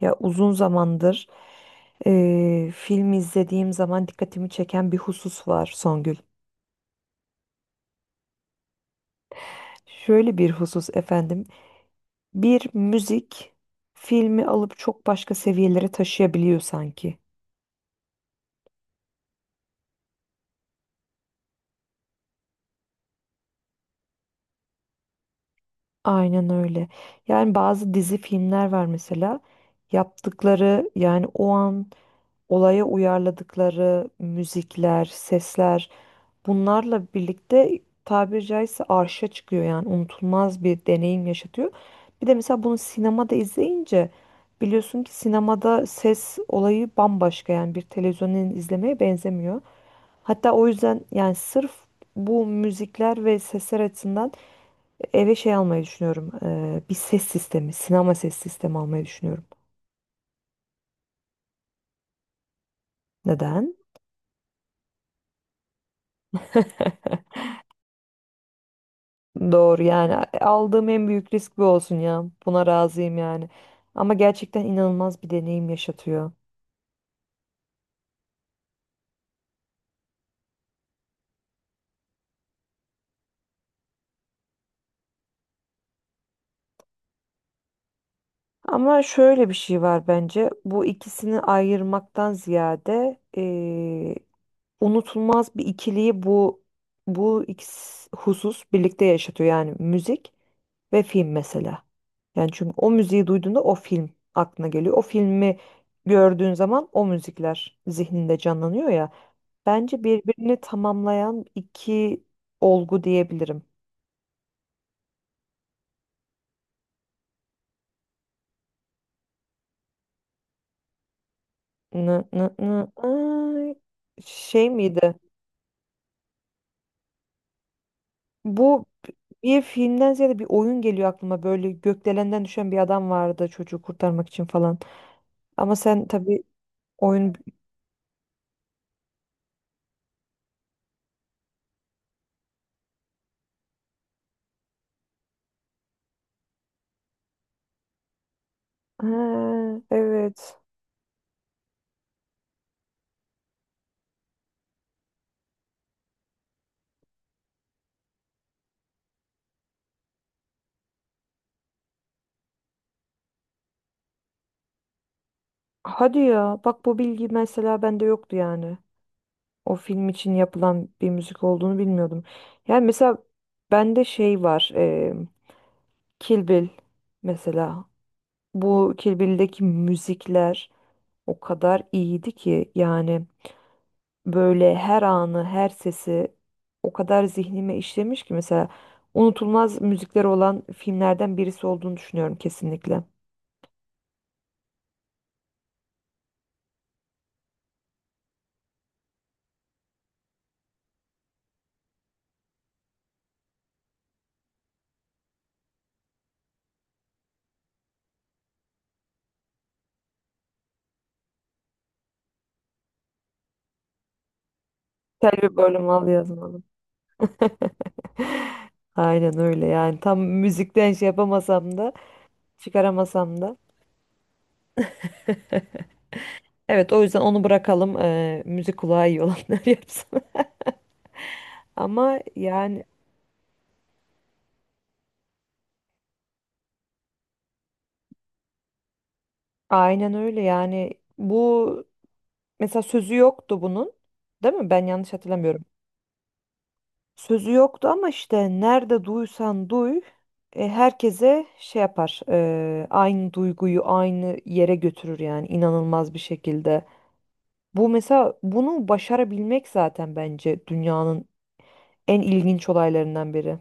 Ya uzun zamandır film izlediğim zaman dikkatimi çeken bir husus var Songül. Şöyle bir husus efendim. Bir müzik filmi alıp çok başka seviyelere taşıyabiliyor sanki. Aynen öyle. Yani bazı dizi filmler var mesela. Yaptıkları yani o an olaya uyarladıkları müzikler, sesler bunlarla birlikte tabiri caizse arşa çıkıyor yani unutulmaz bir deneyim yaşatıyor. Bir de mesela bunu sinemada izleyince biliyorsun ki sinemada ses olayı bambaşka yani bir televizyonun izlemeye benzemiyor. Hatta o yüzden yani sırf bu müzikler ve sesler açısından eve şey almayı düşünüyorum. Bir ses sistemi, sinema ses sistemi almayı düşünüyorum. Neden? Doğru yani aldığım en büyük risk bu olsun ya. Buna razıyım yani. Ama gerçekten inanılmaz bir deneyim yaşatıyor. Ama şöyle bir şey var bence. Bu ikisini ayırmaktan ziyade unutulmaz bir ikiliyi bu ikisi husus birlikte yaşatıyor yani müzik ve film mesela. Yani çünkü o müziği duyduğunda o film aklına geliyor. O filmi gördüğün zaman o müzikler zihninde canlanıyor ya. Bence birbirini tamamlayan iki olgu diyebilirim. Nı, nı, nı, ay. Şey miydi? Bu bir filmden ziyade bir oyun geliyor aklıma. Böyle gökdelenden düşen bir adam vardı çocuğu kurtarmak için falan. Ama sen tabii oyun... Ha, evet. Hadi ya. Bak bu bilgi mesela bende yoktu yani. O film için yapılan bir müzik olduğunu bilmiyordum. Yani mesela bende şey var. Kill Bill mesela. Bu Kill Bill'deki müzikler o kadar iyiydi ki yani böyle her anı, her sesi o kadar zihnime işlemiş ki mesela unutulmaz müzikleri olan filmlerden birisi olduğunu düşünüyorum kesinlikle. Tel bir bölüm al yazmalı. Aynen öyle yani tam müzikten şey yapamasam da çıkaramasam da. Evet, o yüzden onu bırakalım, müzik kulağı iyi olanlar yapsın. Ama yani aynen öyle yani bu mesela sözü yoktu bunun, değil mi? Ben yanlış hatırlamıyorum. Sözü yoktu ama işte nerede duysan duy, herkese şey yapar, aynı duyguyu aynı yere götürür yani inanılmaz bir şekilde. Bu mesela bunu başarabilmek zaten bence dünyanın en ilginç olaylarından biri.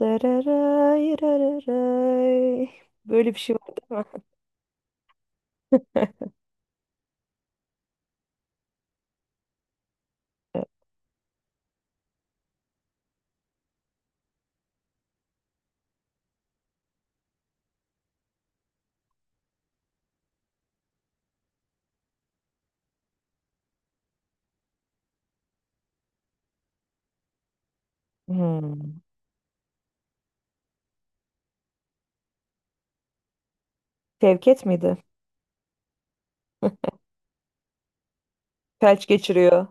Dararay, rararay. Böyle bir şey var değil mi? Hmm. Şevket miydi? Felç geçiriyor.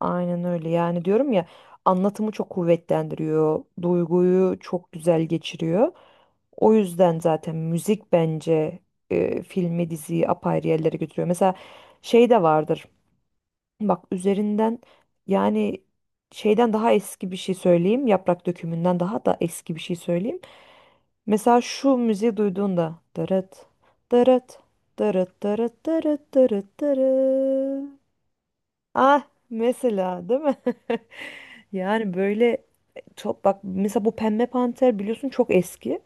Aynen öyle. Yani diyorum ya anlatımı çok kuvvetlendiriyor. Duyguyu çok güzel geçiriyor. O yüzden zaten müzik bence filmi diziyi apayrı yerlere götürüyor. Mesela şey de vardır. Bak üzerinden yani şeyden daha eski bir şey söyleyeyim. Yaprak dökümünden daha da eski bir şey söyleyeyim. Mesela şu müziği duyduğunda dırıt dırıt dırıt dırıt dırıt dırıt dırıt. Ah, mesela değil mi? Yani böyle çok bak mesela bu Pembe Panter biliyorsun çok eski.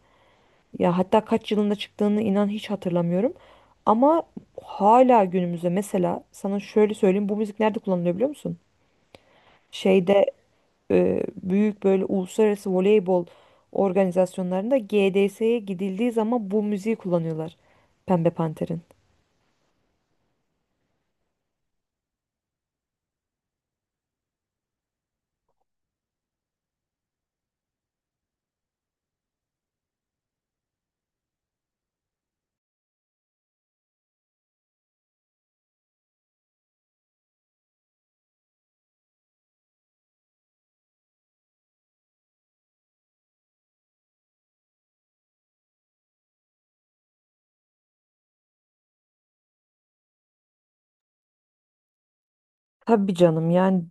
Ya hatta kaç yılında çıktığını inan hiç hatırlamıyorum. Ama hala günümüzde mesela sana şöyle söyleyeyim, bu müzik nerede kullanılıyor biliyor musun? Şeyde, büyük böyle uluslararası voleybol organizasyonlarında GDS'ye gidildiği zaman bu müziği kullanıyorlar. Pembe Panter'in. Tabii canım yani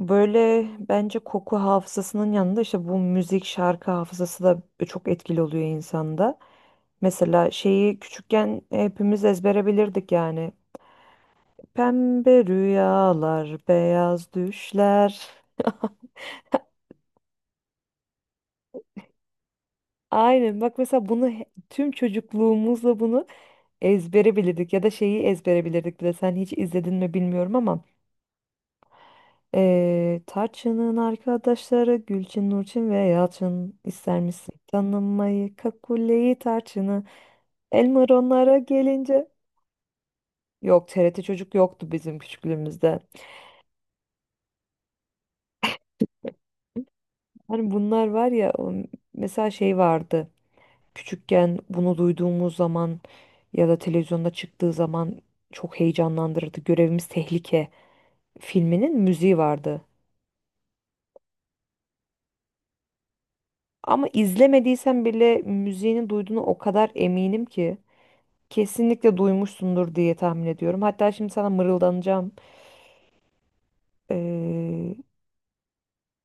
böyle bence koku hafızasının yanında işte bu müzik şarkı hafızası da çok etkili oluyor insanda. Mesela şeyi küçükken hepimiz ezbere bilirdik yani. Pembe rüyalar, beyaz düşler. Aynen, bak mesela bunu tüm çocukluğumuzla bunu ezbere bilirdik. Ya da şeyi ezbere bilirdik bile. Sen hiç izledin mi bilmiyorum ama Tarçın'ın arkadaşları Gülçin, Nurçin ve Yalçın, ister misin tanımayı, Kakule'yi, Tarçın'ı? Elmer onlara gelince, yok, TRT Çocuk yoktu bizim küçüklüğümüzde. Hani bunlar var ya, mesela şey vardı. Küçükken bunu duyduğumuz zaman ya da televizyonda çıktığı zaman çok heyecanlandırırdı. Görevimiz Tehlike filminin müziği vardı. Ama izlemediysen bile müziğini duyduğunu o kadar eminim ki kesinlikle duymuşsundur diye tahmin ediyorum. Hatta şimdi sana mırıldanacağım. Ee,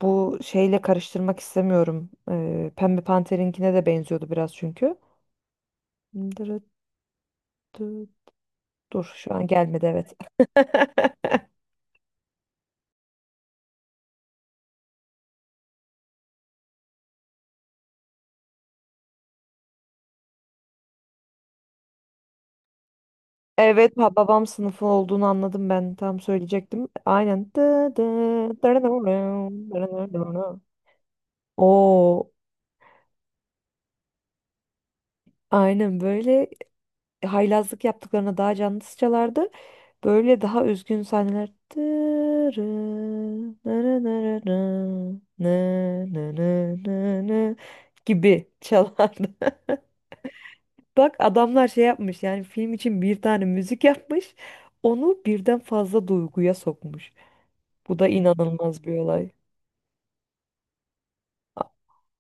Bu şeyle karıştırmak istemiyorum. Pembe Panter'inkine de benziyordu biraz çünkü. Dırıttı. Dur, şu an gelmedi, evet. Evet, babam sınıfı olduğunu anladım, ben tam söyleyecektim. Aynen. O aynen böyle. Haylazlık yaptıklarına daha canlısı çalardı. Böyle daha üzgün sahneler. Dırı, nırı nırı nı, nı nı nı nı nı gibi çalardı. Bak adamlar şey yapmış yani, film için bir tane müzik yapmış. Onu birden fazla duyguya sokmuş. Bu da inanılmaz bir olay.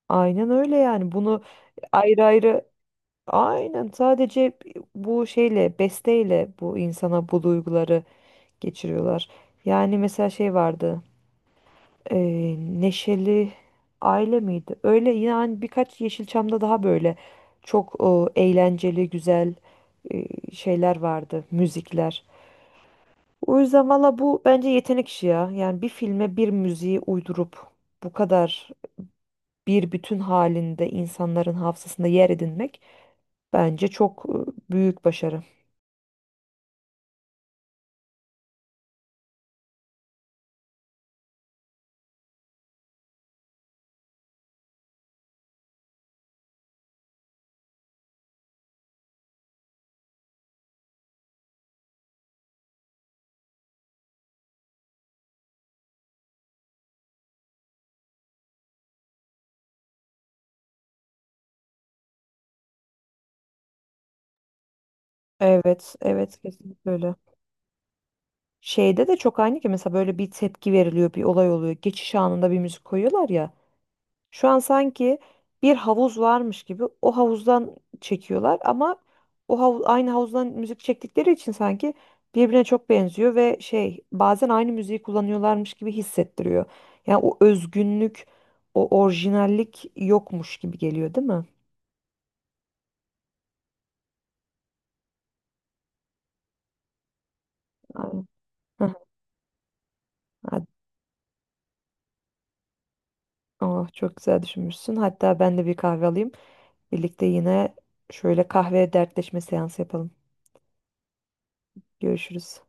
Aynen öyle yani. Bunu ayrı ayrı, aynen, sadece bu şeyle, besteyle, bu insana bu duyguları geçiriyorlar. Yani mesela şey vardı. e, Neşeli Aile miydi? Öyle yani, birkaç Yeşilçam'da daha böyle çok eğlenceli, güzel e, şeyler vardı, müzikler. O yüzden valla bu bence yetenek işi ya. Yani bir filme bir müziği uydurup bu kadar bir bütün halinde insanların hafızasında yer edinmek bence çok büyük başarı. Evet, evet, kesinlikle öyle. Şeyde de çok aynı ki mesela, böyle bir tepki veriliyor, bir olay oluyor. Geçiş anında bir müzik koyuyorlar ya. Şu an sanki bir havuz varmış gibi o havuzdan çekiyorlar ama aynı havuzdan müzik çektikleri için sanki birbirine çok benziyor ve şey, bazen aynı müziği kullanıyorlarmış gibi hissettiriyor. Yani o özgünlük, o orijinallik yokmuş gibi geliyor, değil mi? Aynen. Heh, hadi. Oh, çok güzel düşünmüşsün. Hatta ben de bir kahve alayım. Birlikte yine şöyle kahve dertleşme seansı yapalım. Görüşürüz.